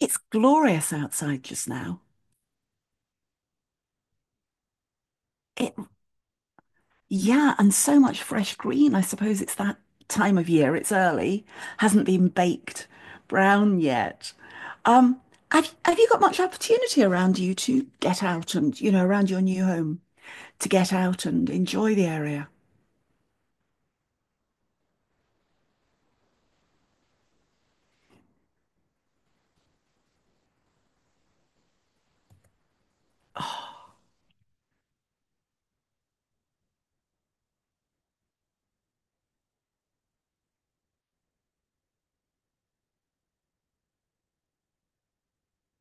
It's glorious outside just now. It, yeah, and so much fresh green. I suppose it's that time of year. It's early, hasn't been baked brown yet. Um, have you got much opportunity around you to get out and, you know, around your new home to get out and enjoy the area?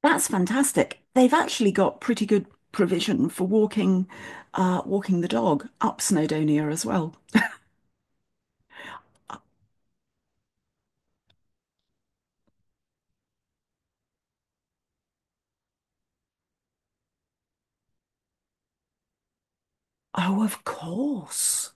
That's fantastic. They've actually got pretty good provision for walking, walking the dog up Snowdonia as well. Oh, of course.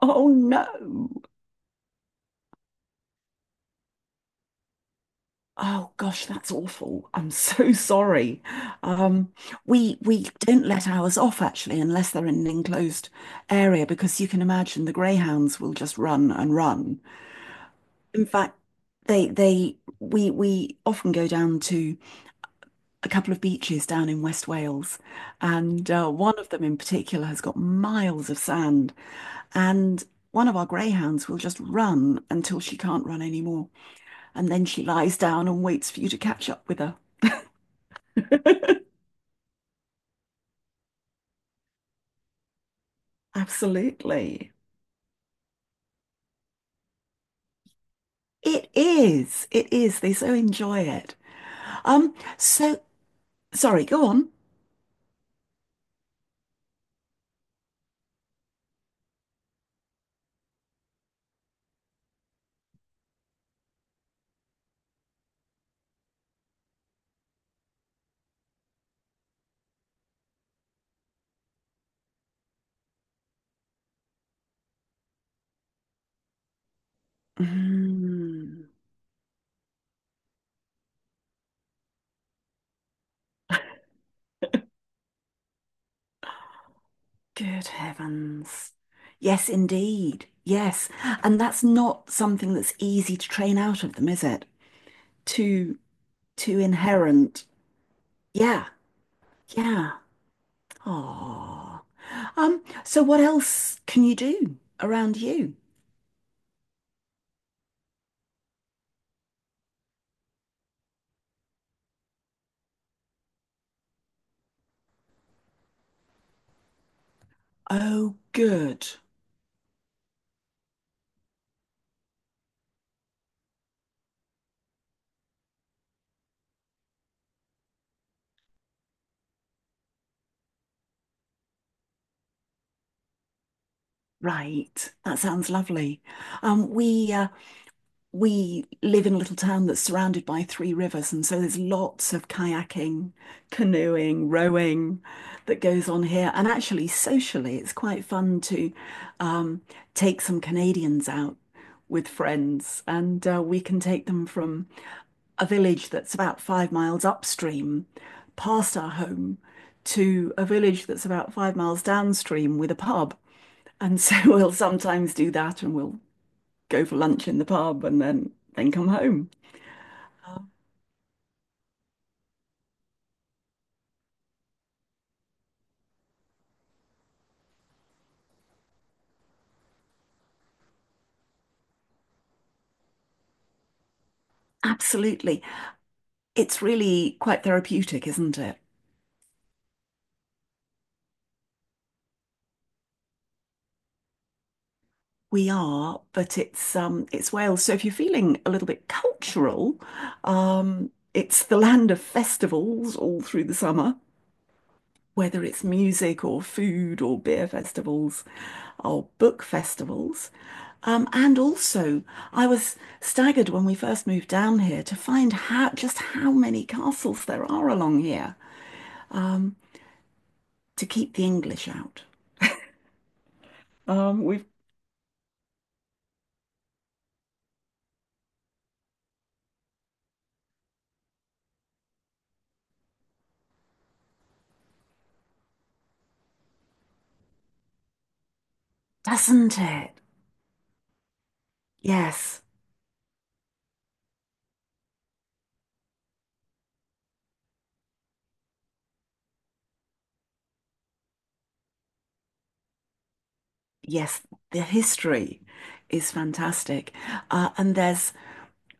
Oh no. Oh gosh, that's awful. I'm so sorry. Um, we don't let ours off actually unless they're in an enclosed area because you can imagine the greyhounds will just run and run. In fact, they we often go down to a couple of beaches down in West Wales, and one of them in particular has got miles of sand, and one of our greyhounds will just run until she can't run anymore, and then she lies down and waits for you to catch up with her. Absolutely. It is. It is. They so enjoy it. Um, so sorry, go on. Mm, good heavens. Yes, indeed. Yes. And that's not something that's easy to train out of them, is it? Too too inherent. Yeah. Yeah. Oh. So what else can you do around you? Oh, good. Right. That sounds lovely. Um, we live in a little town that's surrounded by three rivers, and so there's lots of kayaking, canoeing, rowing that goes on here. And actually, socially, it's quite fun to um, take some Canadians out with friends, and we can take them from a village that's about 5 miles upstream, past our home, to a village that's about 5 miles downstream with a pub. And so we'll sometimes do that, and we'll go for lunch in the pub and then come home. Absolutely. It's really quite therapeutic, isn't it? We are, but it's Wales. So if you're feeling a little bit cultural, it's the land of festivals all through the summer, whether it's music or food or beer festivals or book festivals. And also, I was staggered when we first moved down here to find how just how many castles there are along here. Um, to keep the English out. We've doesn't it? Yes, yes, the history is fantastic. And there's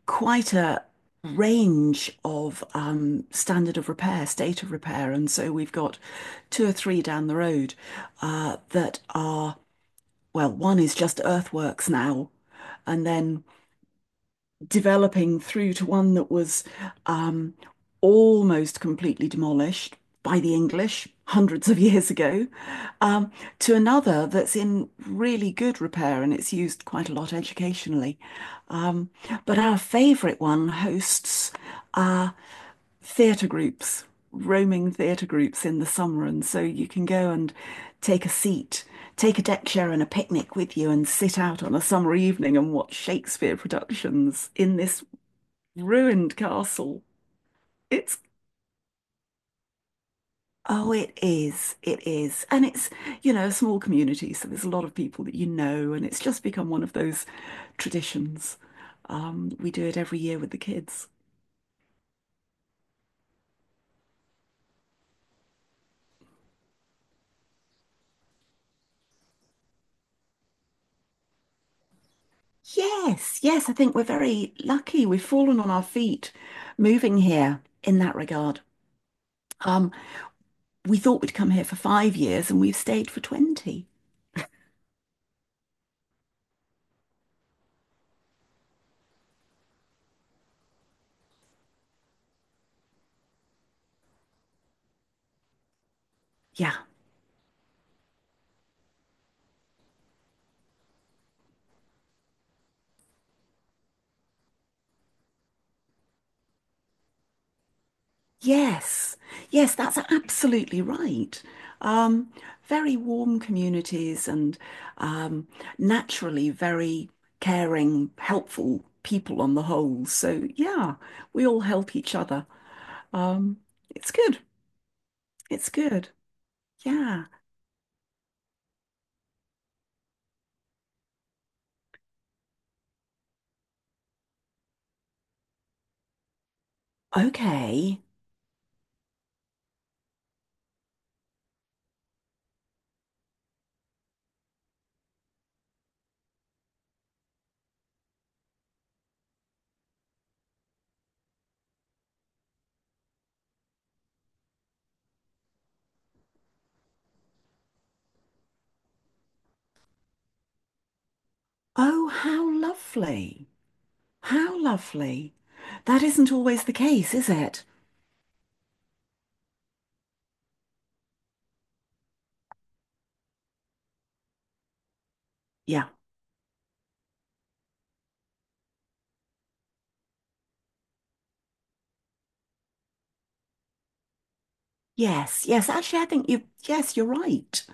quite a range of standard of repair, state of repair. And so we've got two or three down the road that are, well, one is just earthworks now. And then developing through to one that was um, almost completely demolished by the English hundreds of years ago, um, to another that's in really good repair and it's used quite a lot educationally. But our favourite one hosts uh, theatre groups, roaming theatre groups in the summer. And so you can go and take a seat, take a deck chair and a picnic with you and sit out on a summer evening and watch Shakespeare productions in this ruined castle. It's oh, it is. It is. And it's, you know, a small community, so there's a lot of people that you know, and it's just become one of those traditions. We do it every year with the kids. Yes, yes, I think we're very lucky. We've fallen on our feet moving here in that regard. Um, we thought we'd come here for 5 years and we've stayed for 20. Yeah. Yes, yes, that's absolutely right. Um, very warm communities and um, naturally very caring, helpful people on the whole. So, yeah, we all help each other. Um, it's good. It's good. Yeah. Okay. Oh, how lovely. How lovely. That isn't always the case, is it? Yeah. Yes, yes. Actually, I think you, yes, you're right.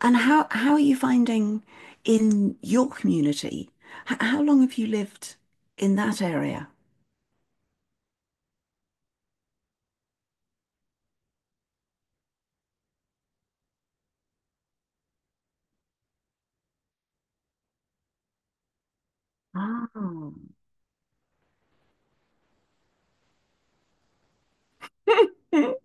And how are you finding in your community? H- how long have you lived in that area? Oh.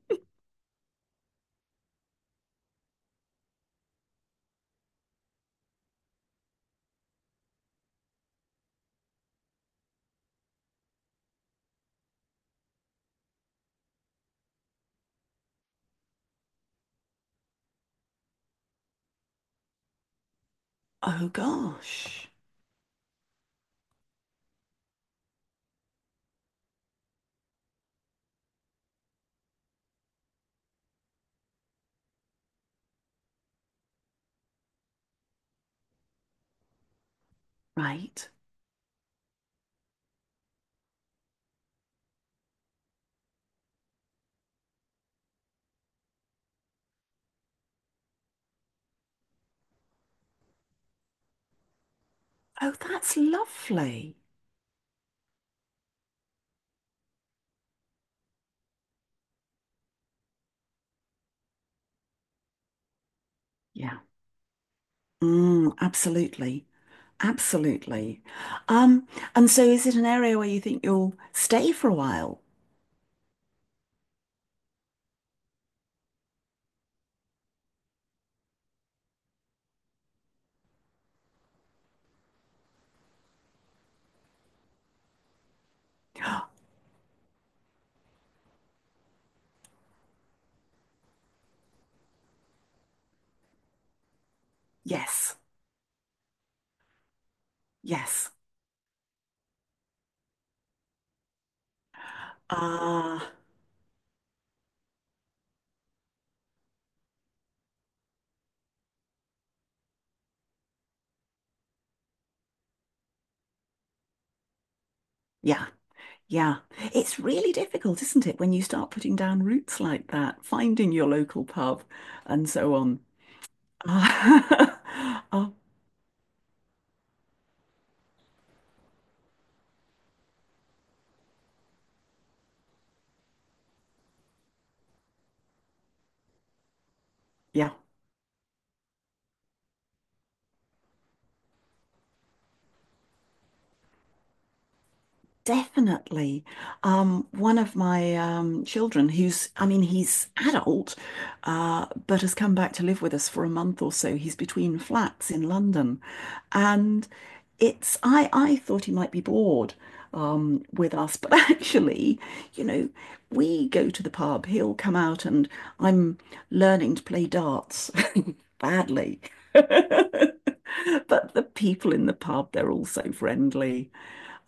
Oh gosh, right. Oh, that's lovely. Yeah. Mm, absolutely. Absolutely. Um, and so is it an area where you think you'll stay for a while? Yes. Yes. Ah, yeah. Yeah, it's really difficult, isn't it, when you start putting down roots like that, finding your local pub and so on. Ah, ah, yeah. Definitely. One of my children, who's, I mean, he's adult, but has come back to live with us for a month or so. He's between flats in London. And I thought he might be bored with us, but actually, you know, we go to the pub, he'll come out, and I'm learning to play darts badly. But the people in the pub, they're all so friendly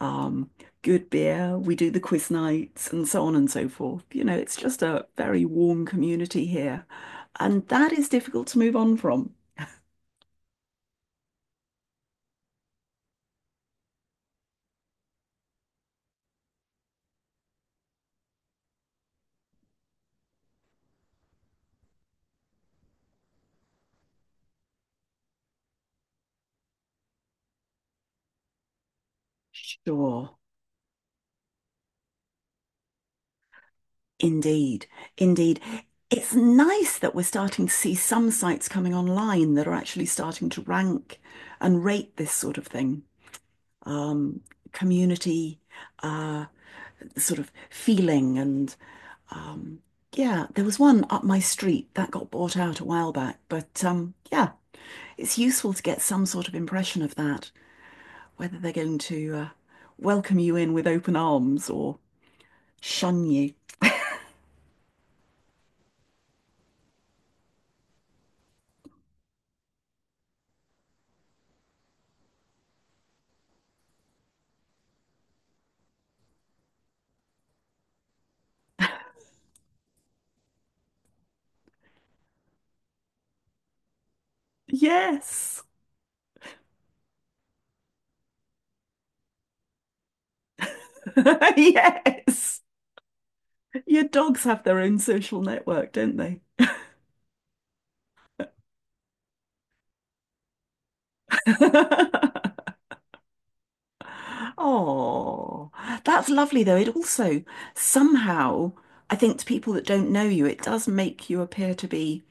um, good beer. We do the quiz nights and so on and so forth. You know, it's just a very warm community here. And that is difficult to move on from. Sure. Indeed. Indeed. It's nice that we're starting to see some sites coming online that are actually starting to rank and rate this sort of thing. Um, community uh, sort of feeling and um, yeah, there was one up my street that got bought out a while back, but yeah, it's useful to get some sort of impression of that, whether they're going to welcome you in with open arms or shun you. Yes, yes. Your dogs have their own social network, don't they? Oh, that's lovely though. It also somehow, I think to people that don't know you, it does make you appear to be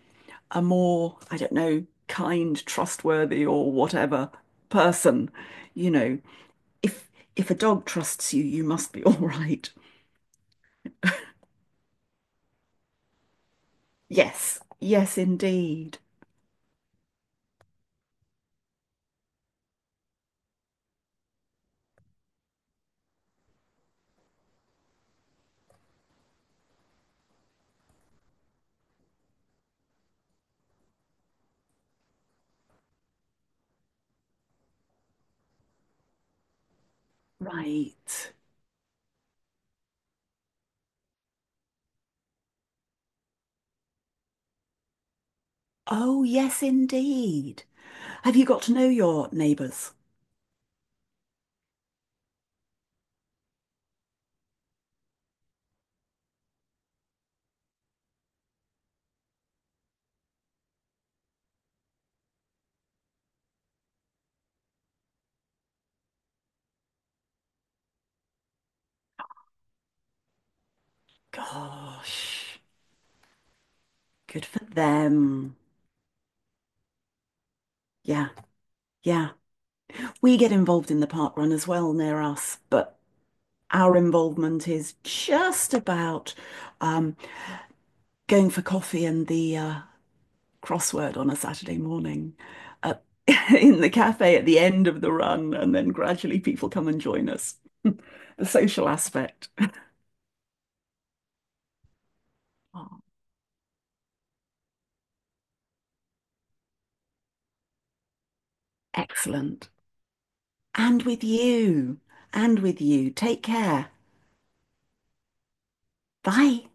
a more, I don't know, kind, trustworthy, or whatever person, you know, If if a dog trusts you, you must be all right. Yes, yes, indeed. Right. Oh, yes, indeed. Have you got to know your neighbours? Gosh, good for them. Yeah, yeah. We get involved in the park run as well near us, but our involvement is just about um, going for coffee and the crossword on a Saturday morning at, in the cafe at the end of the run, and then gradually people come and join us. The social aspect. Oh, excellent. And with you, and with you. Take care. Bye.